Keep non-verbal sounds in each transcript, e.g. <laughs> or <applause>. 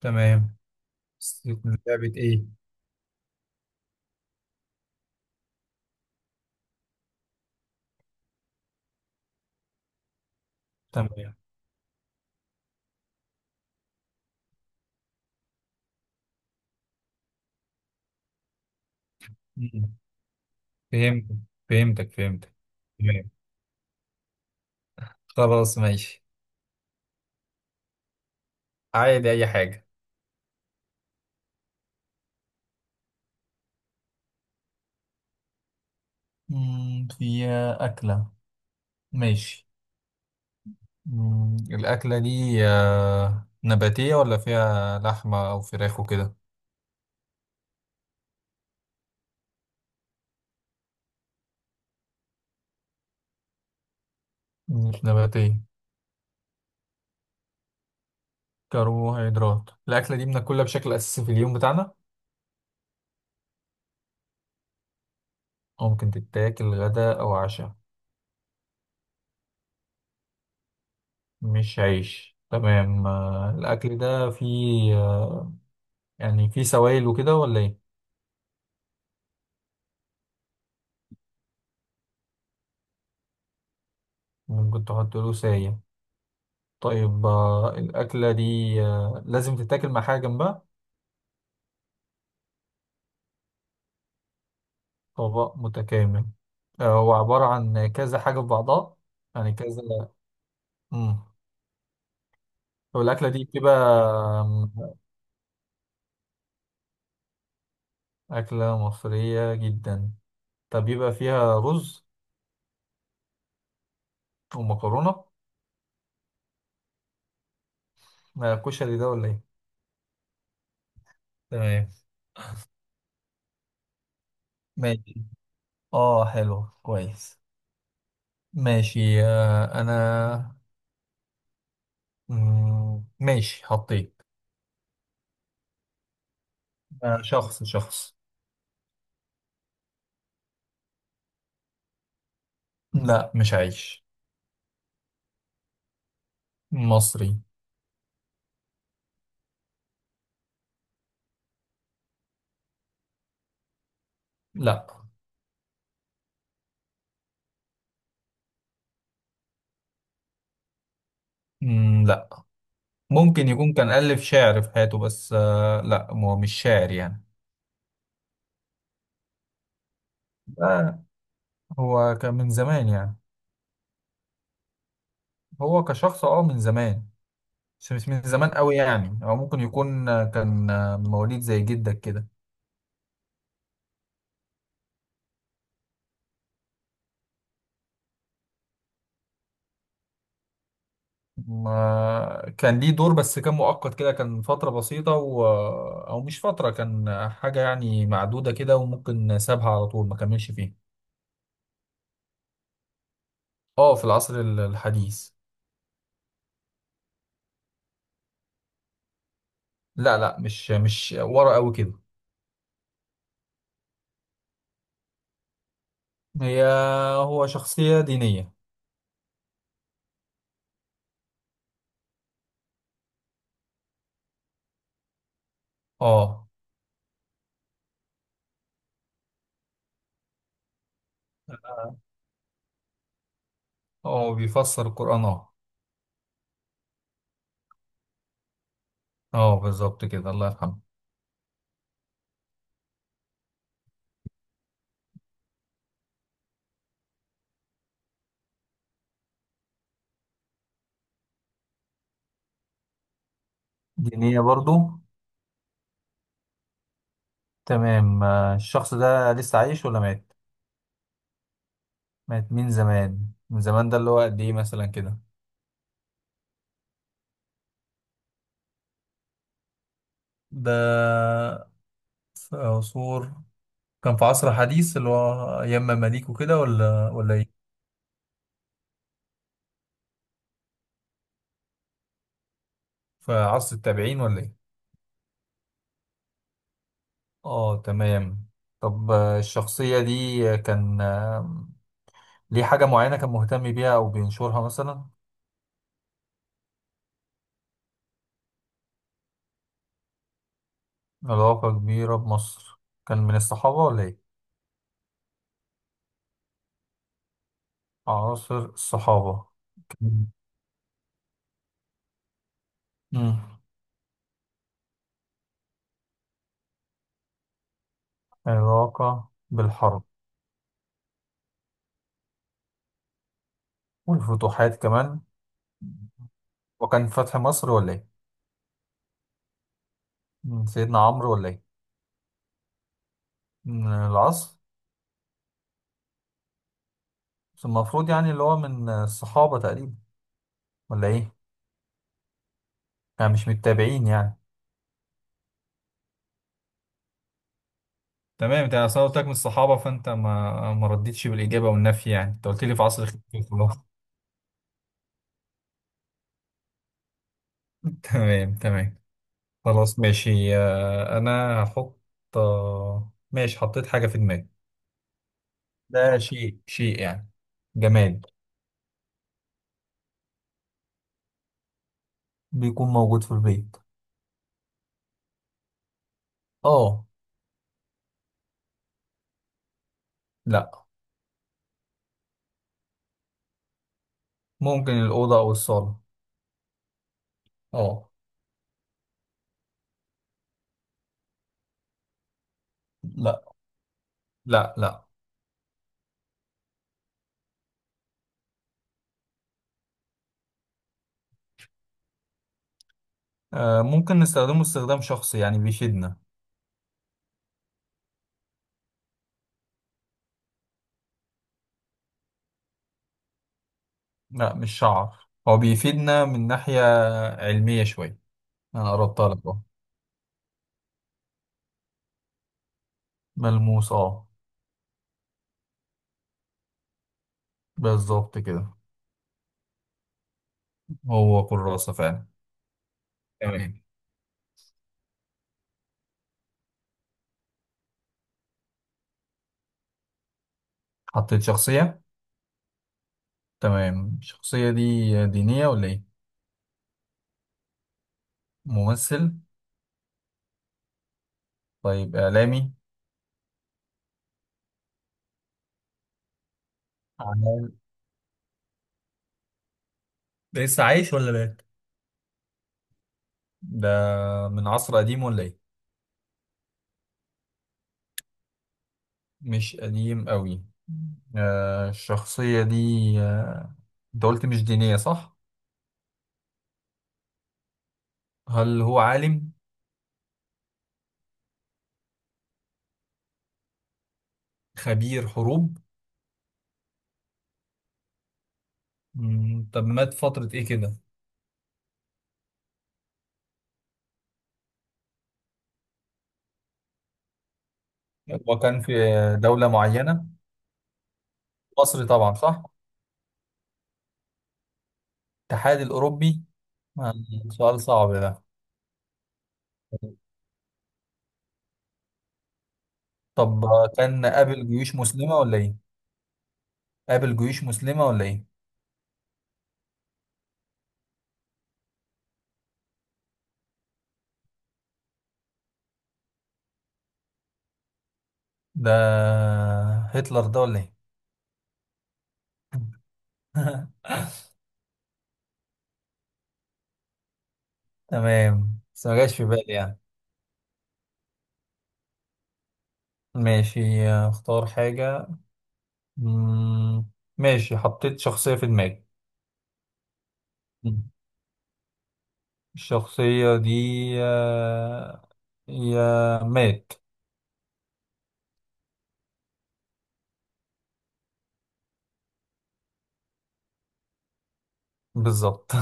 تمام. سيت من لعبة ايه؟ تمام. مم. فهمت. فهمتك فهمتك. تمام. خلاص، ماشي. عادي، اي حاجة. في أكلة. ماشي. الأكلة دي نباتية ولا فيها لحمة أو فراخ وكده؟ مش نباتية. كربوهيدرات. الأكلة دي بناكلها بشكل أساسي في اليوم بتاعنا؟ أو ممكن تتاكل غدا أو عشاء. مش عيش، تمام. الأكل ده فيه، يعني فيه سوائل وكده ولا إيه؟ ممكن تحط له ساية. طيب، الأكلة دي لازم تتاكل مع حاجة جنبها؟ طبق متكامل. هو عبارة عن كذا حاجة في بعضها؟ يعني كذا. مم. طب الأكلة دي بتبقى، آم، أكلة مصرية جدا. طب يبقى فيها رز ومكرونة. كشري ده ولا إيه؟ تمام. ماشي، اه حلو كويس. ماشي. أنا. ماشي، حطيت. شخص شخص. لا، مش عايش. مصري. لا. لا. ممكن يكون كان ألف شعر في حياته، بس لا، هو مش شاعر يعني. آه، هو كان من زمان يعني. هو كشخص من زمان. بس مش من زمان قوي يعني، او ممكن يكون كان مواليد زي جدك كده. ما كان ليه دور، بس كان مؤقت كده، كان فترة بسيطة و... آه، او مش فترة، كان حاجة يعني معدودة كده وممكن سابها على طول، ما كملش فيها. اه، في العصر الحديث. لا لا، مش ورا قوي كده. هي. هو شخصية دينية. اه، هو بيفسر القرآن اه. اه، بالظبط كده، الله يرحمه. دينية برضو. تمام. الشخص ده لسه عايش ولا مات؟ مات من زمان. من زمان ده اللي هو قد ايه مثلا كده؟ ده، في عصور. كان في عصر حديث اللي هو أيام مماليك وكده، ولا ايه؟ في عصر التابعين ولا ايه؟ اه، تمام. طب الشخصية دي كان ليه حاجة معينة كان مهتم بيها أو بينشرها مثلا؟ علاقة كبيرة بمصر. كان من الصحابة ولا إيه؟ عصر الصحابة. كان. مم. علاقة بالحرب. والفتوحات كمان. وكان فتح مصر ولا إيه؟ مم. سيدنا عمرو ولا إيه؟ من العصر. بس المفروض يعني اللي هو من الصحابة تقريبا، ولا إيه؟ يعني مش متابعين يعني. تمام، انت اصلا قلت لك من الصحابه، فانت ما ردتش بالاجابه والنفي، يعني انت قلت لي في عصر الخلافه. <laughs> خلاص. تمام، تمام. خلاص، ماشي. انا هحط. ماشي، حطيت حاجة في دماغي. ده شيء شيء يعني. جماد. بيكون موجود في البيت. اه. لا، ممكن الأوضة او الصالة. اه. لا لا لا. ممكن نستخدمه استخدام شخصي، يعني بيفيدنا. لا، مش شعر، هو بيفيدنا من ناحية علمية شوية. انا قربتها لك اهو. ملموس، اه. بالظبط كده. هو كراسة فعلا. تمام. حطيت شخصية. تمام. الشخصية دي دينية ولا إيه؟ ممثل؟ طيب، إعلامي؟ عمل. ده لسه عايش ولا مات؟ ده من عصر قديم ولا إيه؟ مش قديم أوي. الشخصية دي آه، أنت قلت مش دينية، صح؟ هل هو عالم؟ خبير حروب؟ طب مات فترة إيه كده؟ هو كان في دولة معينة. مصر طبعا، صح؟ الاتحاد الأوروبي. آه، سؤال صعب ده. طب كان قابل جيوش مسلمة ولا إيه؟ قابل جيوش مسلمة ولا ايه؟ ده هتلر ده ولا ايه؟ <laughs> تمام، بس ما جاش في بالي يعني. ماشي، اختار حاجة. مم، ماشي، حطيت شخصية في دماغي. مم. الشخصية دي آه، هي مات. بالظبط.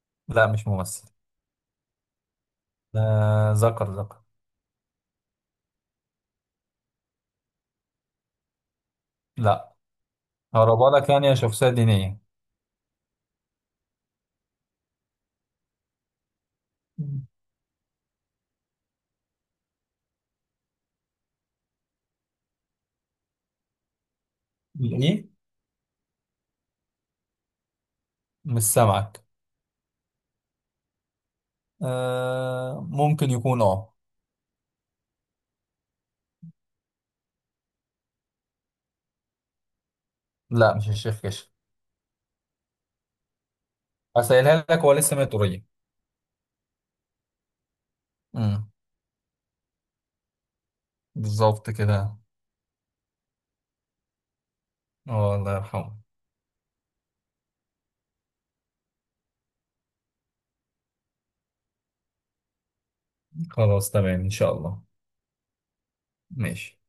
<laughs> لا، مش ممثل. ذكر ذكر. لا. هقربها لك، يعني هي شخصية دينية. مم. ايه. مش سامعك. ممكن يكون لا، مش الشيخ كشك. هسألها لك، هو لسه ميت قريب. امم. بالظبط كده. اه، الله يرحمه. خلاص، تمام إن شاء الله. ماشي.